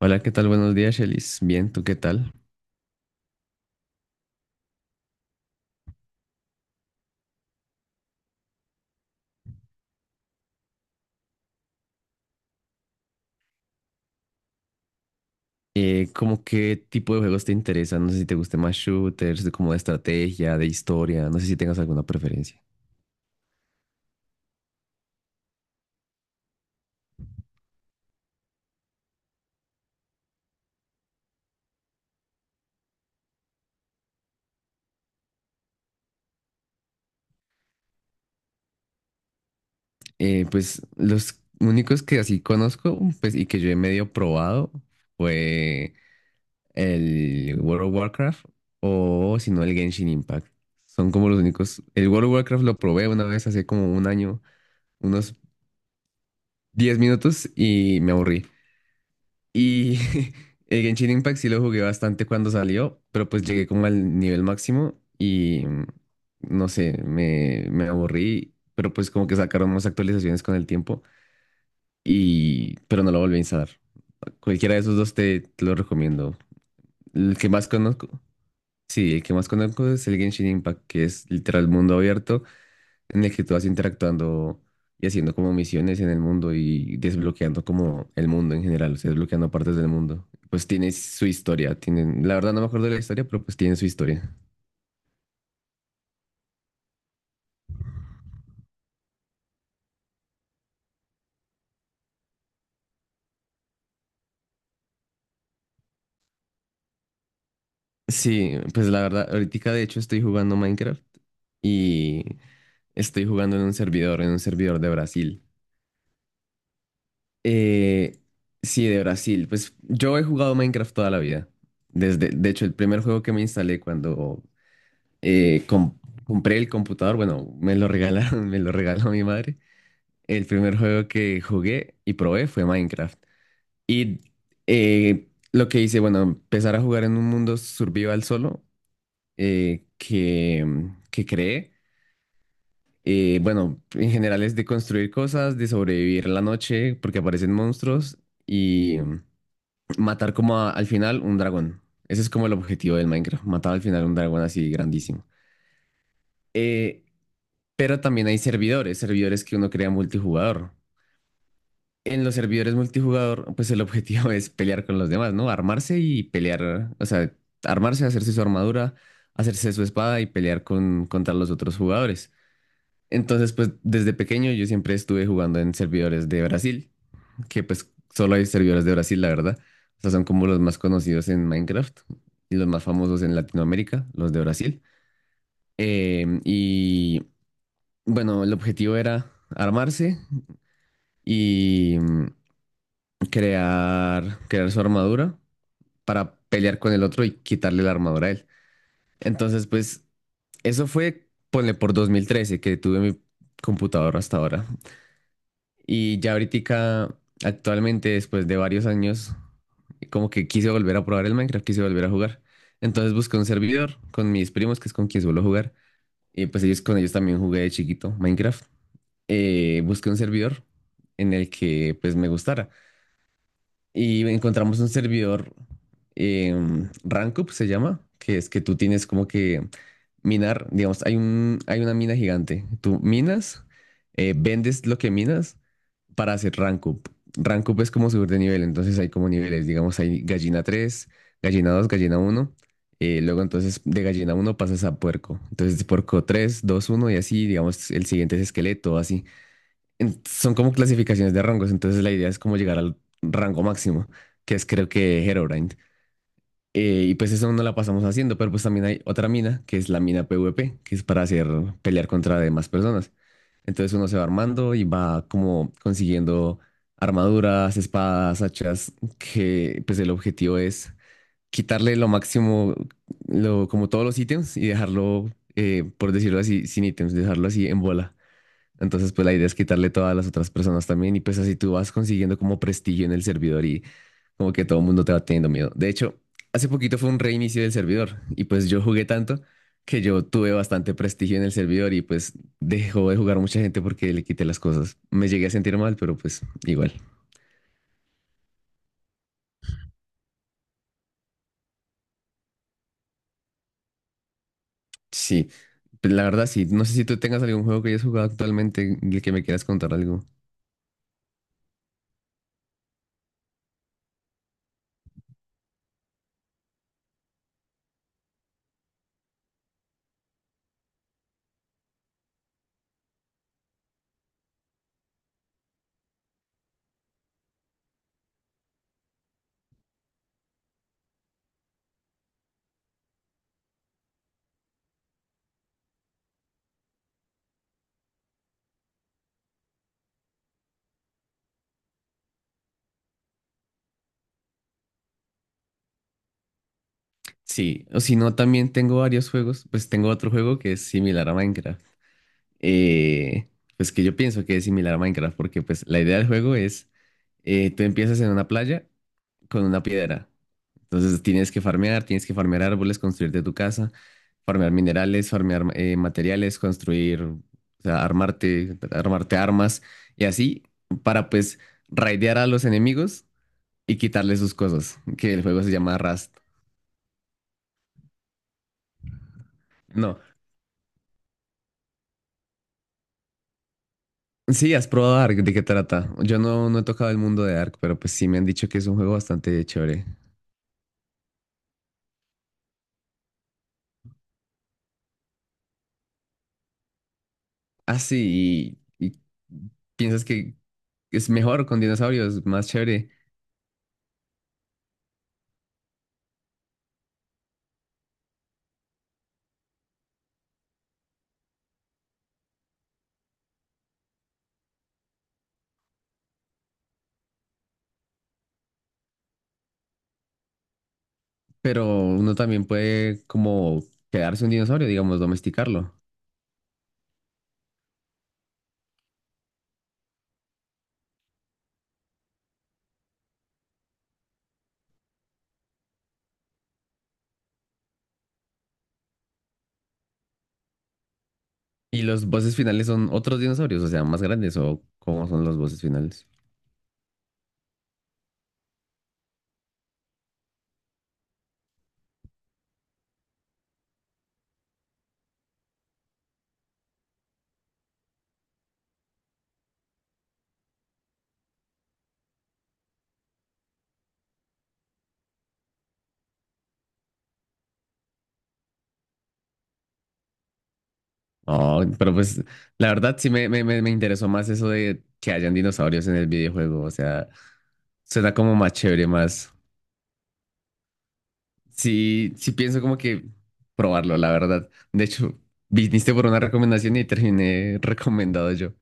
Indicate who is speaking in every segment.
Speaker 1: Hola, ¿qué tal? Buenos días, Shelis. Bien, ¿tú qué tal? ¿Cómo qué tipo de juegos te interesan? No sé si te gusten más shooters, de como de estrategia, de historia, no sé si tengas alguna preferencia. Pues los únicos que así conozco, pues y que yo he medio probado fue el World of Warcraft o si no el Genshin Impact. Son como los únicos. El World of Warcraft lo probé una vez hace como un año, unos 10 minutos y me aburrí. Y el Genshin Impact sí lo jugué bastante cuando salió, pero pues llegué como al nivel máximo y no sé, me aburrí, pero pues como que sacaron más actualizaciones con el tiempo y pero no lo volví a instalar. Cualquiera de esos dos te lo recomiendo. El que más conozco, sí, el que más conozco es el Genshin Impact, que es literal mundo abierto en el que tú vas interactuando y haciendo como misiones en el mundo y desbloqueando como el mundo en general, o sea, desbloqueando partes del mundo. Pues tiene su historia, tienen, la verdad no me acuerdo de la historia, pero pues tiene su historia. Sí, pues la verdad, ahorita de hecho estoy jugando Minecraft y estoy jugando en un servidor de Brasil. Eh, sí, de Brasil. Pues yo he jugado Minecraft toda la vida. Desde, de hecho, el primer juego que me instalé cuando eh, com- compré el computador, bueno, me lo regalaron, me lo regaló mi madre. El primer juego que jugué y probé fue Minecraft. Y lo que hice, bueno, empezar a jugar en un mundo survival solo eh, que, que creé. Bueno, en general es de construir cosas, de sobrevivir la noche porque aparecen monstruos y matar como al final un dragón. Ese es como el objetivo del Minecraft, matar al final un dragón así grandísimo. Eh, Pero también hay servidores, servidores que uno crea multijugador. En los servidores multijugador, pues el objetivo es pelear con los demás, ¿no? Armarse y pelear, o sea, armarse, hacerse su armadura, hacerse su espada y pelear con, contra los otros jugadores. Entonces, pues desde pequeño yo siempre estuve jugando en servidores de Brasil, que pues solo hay servidores de Brasil, la verdad. O sea, son como los más conocidos en Minecraft y los más famosos en Latinoamérica, los de Brasil. Y bueno, el objetivo era armarse, y crear su armadura para pelear con el otro y quitarle la armadura a él. Entonces, pues eso fue, ponle por 2013 que tuve mi computadora hasta ahora. Y ya ahorita, actualmente, después de varios años, como que quise volver a probar el Minecraft, quise volver a jugar. Entonces busqué un servidor con mis primos, que es con quien suelo jugar. Y pues ellos con ellos también jugué de chiquito Minecraft. Busqué un servidor en el que pues me gustara. Y encontramos un servidor, Rankup se llama, que es que tú tienes como que minar, digamos, hay un, hay una mina gigante. Tú minas, vendes lo que minas para hacer Rankup. Rankup es como subir de nivel, entonces hay como niveles, digamos, hay gallina 3, gallina 2, gallina 1 Luego entonces de gallina 1 pasas a puerco. Entonces puerco 3, 2, 1 y así, digamos, el siguiente es esqueleto, así son como clasificaciones de rangos, entonces la idea es como llegar al rango máximo, que es creo que Herobrine. Y pues eso no la pasamos haciendo, pero pues también hay otra mina, que es la mina PvP, que es para hacer pelear contra demás personas. Entonces uno se va armando y va como consiguiendo armaduras, espadas, hachas, que pues el objetivo es quitarle lo máximo, lo, como todos los ítems y dejarlo, por decirlo así, sin ítems, dejarlo así en bola. Entonces, pues la idea es quitarle todas las otras personas también y pues así tú vas consiguiendo como prestigio en el servidor y como que todo el mundo te va teniendo miedo. De hecho, hace poquito fue un reinicio del servidor y pues yo jugué tanto que yo tuve bastante prestigio en el servidor y pues dejó de jugar mucha gente porque le quité las cosas. Me llegué a sentir mal, pero pues igual. Sí, pues, la verdad sí. No sé si tú tengas algún juego que hayas jugado actualmente del que me quieras contar algo. Sí, o si no, también tengo varios juegos. Pues tengo otro juego que es similar a Minecraft. eh, pues que yo pienso que es similar a Minecraft, porque pues la idea del juego es, tú empiezas en una playa con una piedra, entonces tienes que farmear árboles, construirte tu casa, farmear minerales, farmear materiales, construir, o sea, armarte, armas y así para pues raidear a los enemigos y quitarles sus cosas, que el juego se llama Rust. No, sí, has probado Ark, ¿de qué trata? Yo no he tocado el mundo de Ark, pero pues sí me han dicho que es un juego bastante chévere. Ah, sí, y piensas que es mejor con dinosaurios, más chévere, pero uno también puede como quedarse un dinosaurio, digamos, domesticarlo. Y los voces finales son otros dinosaurios, o sea, más grandes, o cómo son los voces finales. Oh, pero pues la verdad sí me interesó más eso de que hayan dinosaurios en el videojuego, o sea, suena como más chévere, más. Sí, sí pienso como que probarlo, la verdad. De hecho, viniste por una recomendación y terminé recomendado yo.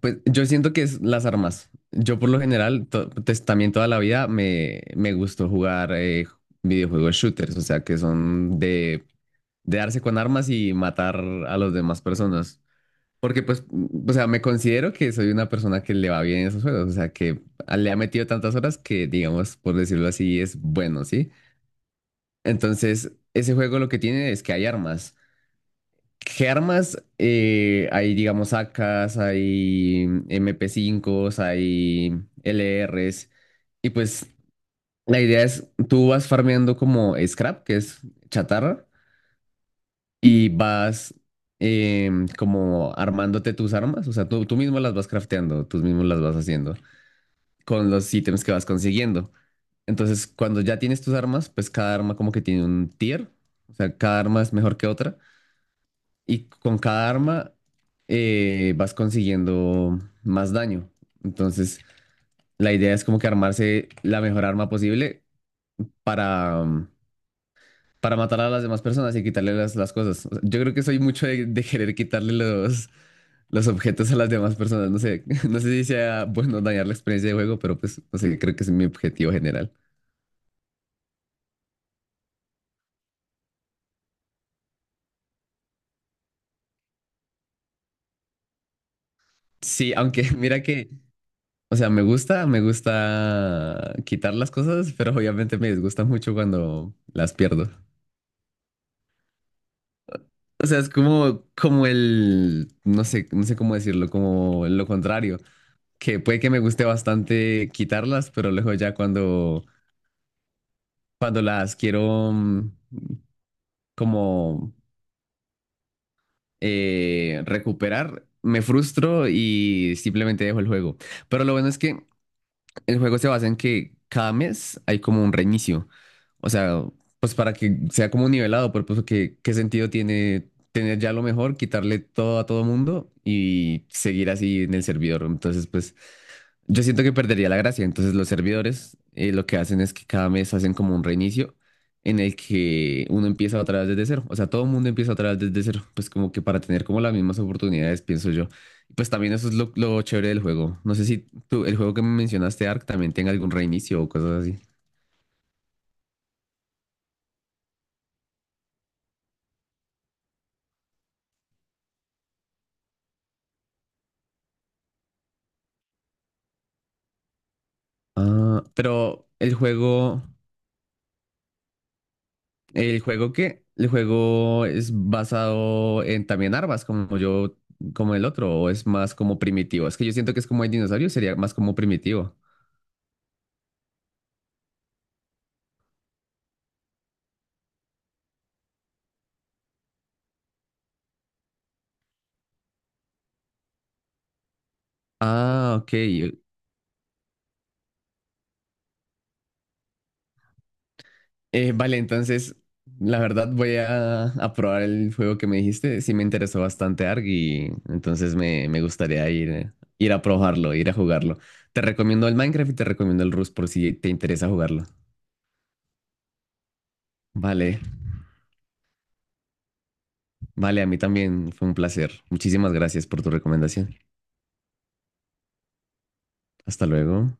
Speaker 1: Pues yo siento que es las armas. Yo por lo general, pues, también toda la vida me gustó jugar videojuegos shooters, o sea, que son de darse con armas y matar a las demás personas. Porque pues, o sea, me considero que soy una persona que le va bien en esos juegos, o sea, que le ha metido tantas horas que, digamos, por decirlo así, es bueno, ¿sí? Entonces, ese juego lo que tiene es que hay armas. ¿Qué armas? Hay, digamos, AKs, hay MP5s, hay LRs. Y pues la idea es, tú vas farmeando como scrap, que es chatarra, y vas como armándote tus armas. O sea, tú mismo las vas crafteando, tú mismo las vas haciendo con los ítems que vas consiguiendo. Entonces, cuando ya tienes tus armas, pues cada arma como que tiene un tier. O sea, cada arma es mejor que otra. Y con cada arma vas consiguiendo más daño. Entonces, la idea es como que armarse la mejor arma posible para, um, para matar a las demás personas y quitarle las cosas. O sea, yo creo que soy mucho de querer quitarle los objetos a las demás personas. No sé, no sé si sea bueno dañar la experiencia de juego, pero pues, no sé, creo que ese es mi objetivo general. Sí, aunque mira que, o sea, me gusta quitar las cosas, pero obviamente me disgusta mucho cuando las pierdo. O sea, es como, como el, no sé, no sé cómo decirlo, como lo contrario, que puede que me guste bastante quitarlas, pero luego ya cuando, las quiero como recuperar, me frustro y simplemente dejo el juego. Pero lo bueno es que el juego se basa en que cada mes hay como un reinicio. O sea, pues para que sea como nivelado, pero pues que, qué sentido tiene tener ya lo mejor, quitarle todo a todo mundo y seguir así en el servidor. Entonces, pues yo siento que perdería la gracia. Entonces, los servidores lo que hacen es que cada mes hacen como un reinicio en el que uno empieza otra vez desde cero. O sea, todo el mundo empieza otra vez desde cero. Pues como que para tener como las mismas oportunidades, pienso yo. Y pues también eso es lo chévere del juego. No sé si tú, el juego que me mencionaste, Ark, también tenga algún reinicio o cosas así. Ah, pero el juego qué el juego es basado en también armas, como yo, como el otro, o es más como primitivo. Es que yo siento que es como el dinosaurio, sería más como primitivo. Ah, ok. Vale, entonces, la verdad voy a probar el juego que me dijiste. Sí me interesó bastante ARG y entonces me gustaría ir a probarlo, ir a jugarlo. Te recomiendo el Minecraft y te recomiendo el Rust por si te interesa jugarlo. Vale, vale, a mí también fue un placer. Muchísimas gracias por tu recomendación. Hasta luego.